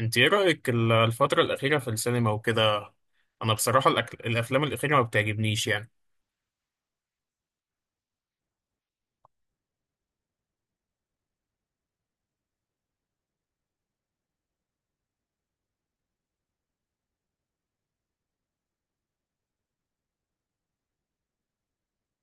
انت ايه رأيك الفترة الأخيرة في السينما وكده. انا بصراحة الافلام الأخيرة ما بتعجبنيش يعني.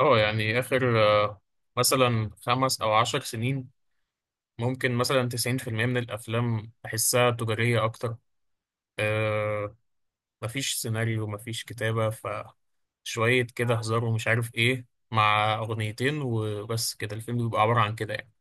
اه يعني اخر مثلا 5 او 10 سنين. ممكن مثلا 90% من الافلام بحسها تجارية اكتر. آه، مفيش سيناريو، مفيش كتابة، فشوية كده هزار ومش عارف ايه. مع اغنيتين وبس، كده الفيلم بيبقى عبارة عن كده يعني.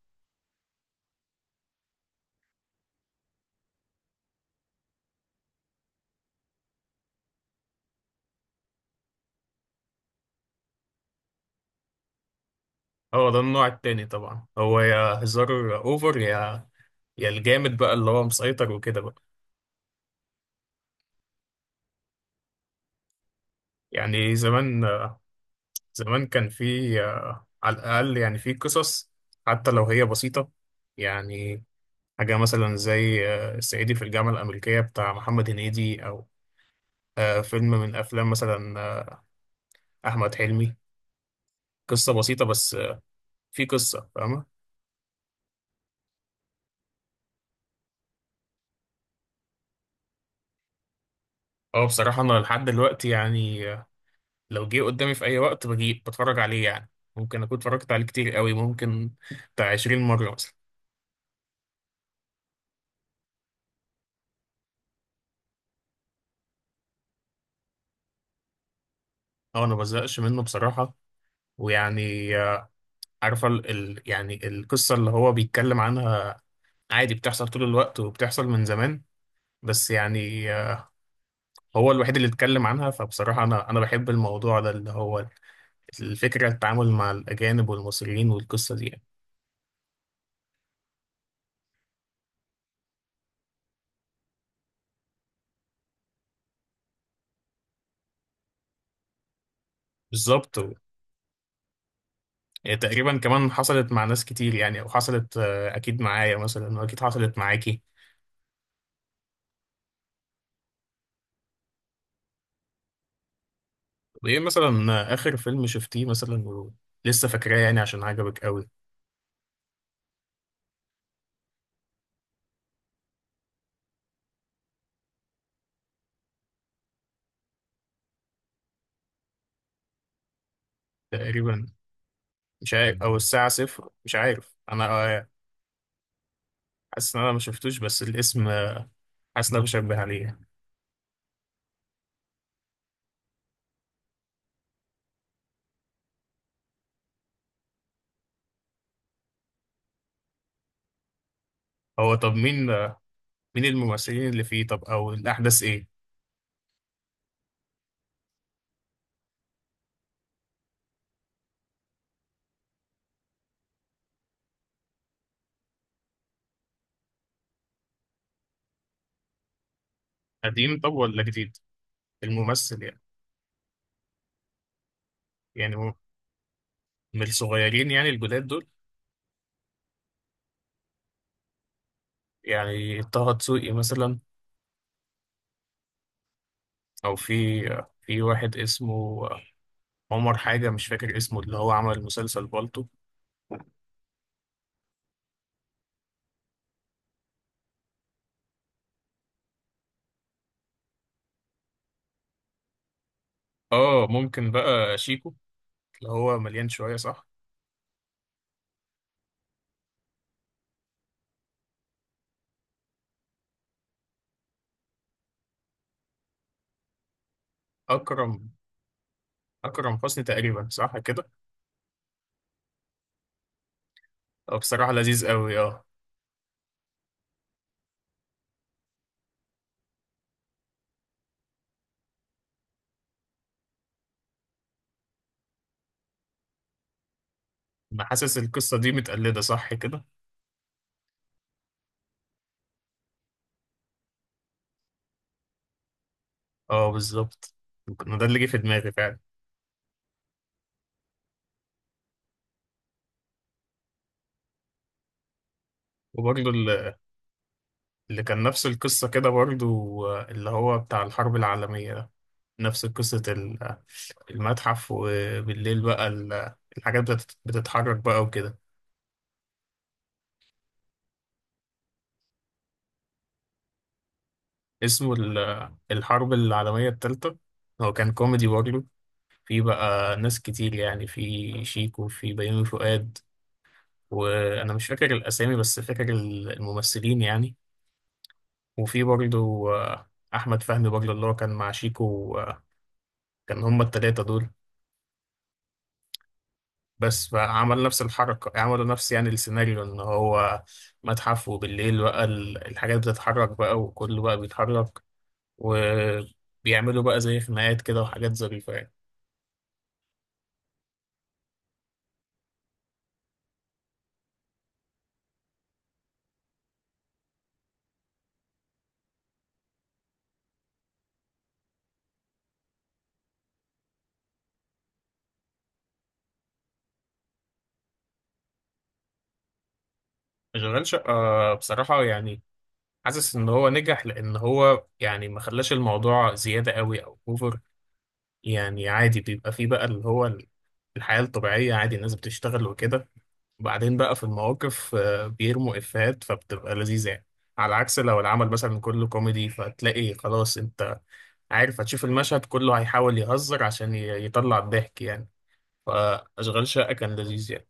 اه، ده النوع التاني طبعا، هو يا هزار اوفر، يا يا الجامد بقى اللي هو مسيطر وكده. يعني زمان، كان في على الأقل يعني في قصص، حتى لو هي بسيطة يعني. حاجة مثلا زي الصعيدي في الجامعة الأمريكية بتاع محمد هنيدي، أو فيلم من أفلام مثلا، أحمد حلمي. قصة بسيطة، بس في قصة، فاهمة؟ أه، بصراحة أنا لحد دلوقتي يعني لو جه قدامي في أي وقت بجي بتفرج عليه يعني. ممكن أكون اتفرجت عليه كتير قوي، ممكن بتاع 20 مرة مثلا. أه، أنا مبزهقش منه بصراحة. ويعني عارفة يعني القصة اللي هو بيتكلم عنها، عادي بتحصل طول الوقت وبتحصل من زمان. بس يعني هو الوحيد اللي اتكلم عنها، فبصراحة أنا بحب الموضوع ده، اللي هو الفكرة التعامل مع الأجانب والمصريين والقصة دي يعني. بالظبط، يعني تقريبا كمان حصلت مع ناس كتير يعني، أو حصلت أكيد معايا مثلا، وأكيد حصلت معاكي. طب إيه مثلا، آخر فيلم شفتيه مثلا، ولسه فاكراه يعني عشان عجبك أوي؟ تقريبا، مش عارف، أو الساعة صفر، مش عارف أنا. آه، حاسس ان انا ما شفتوش بس الاسم، حاسس ان انا بشبه عليه. هو طب مين الممثلين اللي فيه، طب او الاحداث ايه؟ قديم طب ولا جديد؟ الممثل يعني. يعني هو من الصغيرين يعني الجداد دول. يعني طه دسوقي مثلا؟ او في واحد اسمه آه، عمر حاجة، مش فاكر اسمه، اللي هو عمل مسلسل بالطو. اه ممكن بقى شيكو، اللي هو مليان شوية، صح؟ اكرم. اكرم حسني تقريبا، صح كده؟ بصراحة لذيذ قوي، اه. ما حاسس القصة دي متقلدة، صح كده؟ اه بالظبط، أنا ده اللي جه في دماغي فعلا. وبرضه اللي كان نفس القصة كده برضه، اللي هو بتاع الحرب العالمية ده، نفس قصة المتحف، وبالليل بقى الحاجات بتتحرك بقى وكده. اسمه الحرب العالمية التالتة. هو كان كوميدي برضه. في بقى ناس كتير يعني، في شيكو، في بيومي فؤاد، وأنا مش فاكر الأسامي بس فاكر الممثلين يعني. وفي برضه أحمد فهمي برضه، اللي هو كان مع شيكو. كان هما التلاتة دول. بس فعمل نفس الحركة، عملوا نفس يعني السيناريو، ان هو متحف، وبالليل بقى الحاجات بتتحرك بقى، وكله بقى بيتحرك، وبيعملوا بقى زي خناقات كده وحاجات ظريفة يعني. شغال شقة، بصراحة يعني حاسس ان هو نجح، لان هو يعني ما خلاش الموضوع زيادة قوي او اوفر. يعني عادي، بيبقى فيه بقى اللي هو الحياة الطبيعية، عادي الناس بتشتغل وكده، وبعدين بقى في المواقف بيرموا إفيهات، فبتبقى لذيذة يعني. على عكس لو العمل مثلا كله كوميدي، فتلاقي خلاص، انت عارف هتشوف المشهد كله هيحاول يهزر عشان يطلع الضحك يعني. فأشغال شقة كان لذيذ يعني.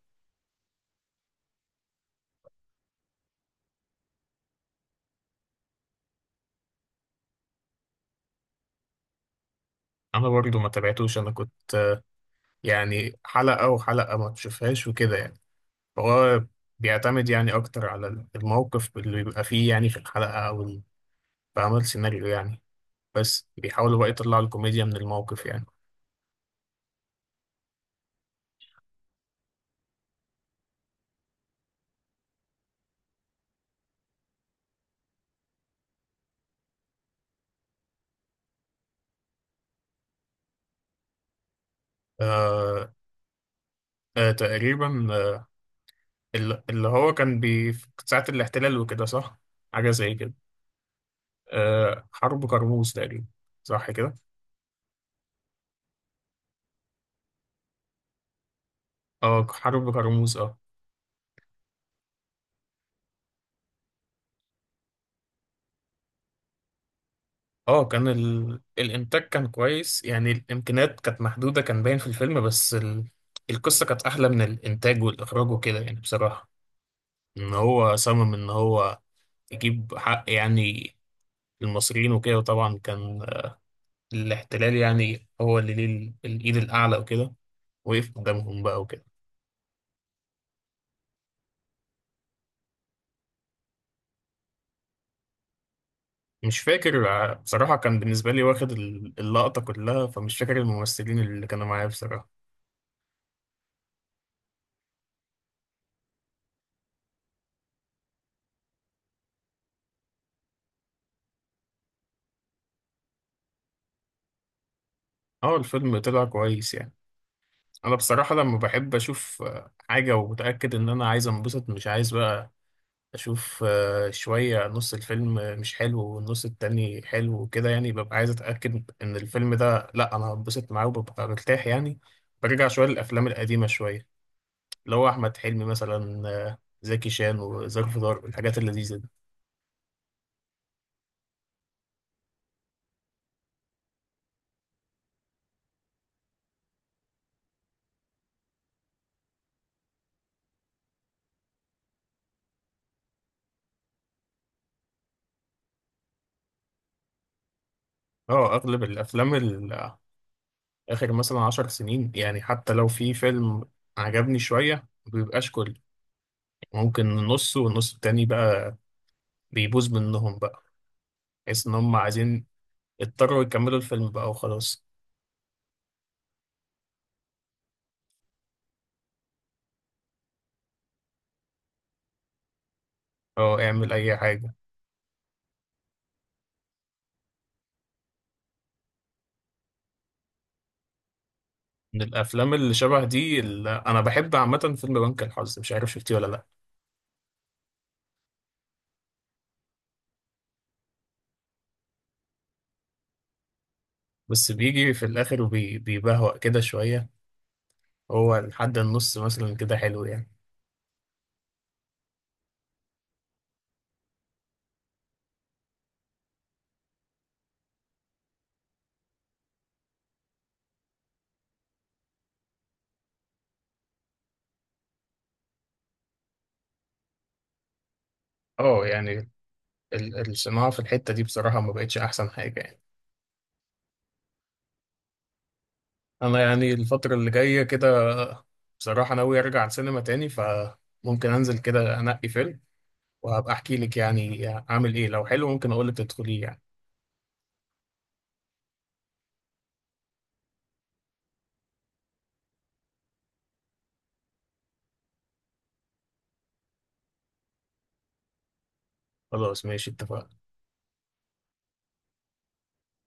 أنا برضو ما تابعتوش، أنا كنت يعني حلقة وحلقة ما تشوفهاش وكده يعني. فهو بيعتمد يعني أكتر على الموقف اللي بيبقى فيه يعني في الحلقة، أو بعمل سيناريو يعني، بس بيحاولوا بقى يطلعوا الكوميديا من الموقف يعني. آه، تقريبا اللي هو كان في ساعة الاحتلال وكده، صح؟ حاجة زي كده. حرب كرموز تقريبا، صح كده؟ اه، حرب كرموز، اه. اه كان الإنتاج كان كويس يعني، الإمكانيات كانت محدودة، كان باين في الفيلم، بس القصة كانت أحلى من الإنتاج والإخراج وكده يعني بصراحة. إن هو صمم إن هو يجيب حق يعني المصريين وكده، وطبعا كان الاحتلال يعني هو اللي ليه الإيد الأعلى وكده، وقف قدامهم بقى وكده. مش فاكر بصراحة، كان بالنسبة لي واخد اللقطة كلها، فمش فاكر الممثلين اللي كانوا معايا بصراحة. اه الفيلم طلع كويس يعني. أنا بصراحة لما بحب أشوف حاجة ومتأكد إن أنا عايز أنبسط، مش عايز بقى أشوف شوية نص الفيلم مش حلو والنص التاني حلو وكده يعني، ببقى عايز أتأكد إن الفيلم ده لأ، أنا هنبسط معاه وببقى مرتاح يعني. برجع شوية للأفلام القديمة شوية، اللي هو أحمد حلمي مثلا، زكي شان وظرف طارق، الحاجات اللذيذة دي. اه اغلب الافلام اخر مثلا 10 سنين يعني، حتى لو في فيلم عجبني شوية، ما بيبقاش كل، ممكن نصه، والنص التاني بقى بيبوظ منهم بقى. بحيث ان هم عايزين، اضطروا يكملوا الفيلم بقى وخلاص. اه اعمل اي حاجة. من الافلام اللي شبه دي اللي انا بحب عامة، فيلم بنك الحظ، مش عارف شفتيه ولا لا. بس بيجي في الاخر وبيبهوأ كده شوية، هو لحد النص مثلا كده حلو يعني. اه يعني، الصناعة في الحتة دي بصراحة ما بقتش احسن حاجة يعني. انا يعني الفترة اللي جاية كده، بصراحة ناوي ارجع السينما تاني، فممكن انزل كده انقي فيلم، وهبقى احكي لك يعني اعمل ايه، لو حلو ممكن اقول لك تدخليه يعني. خلاص ماشي، اتفقنا.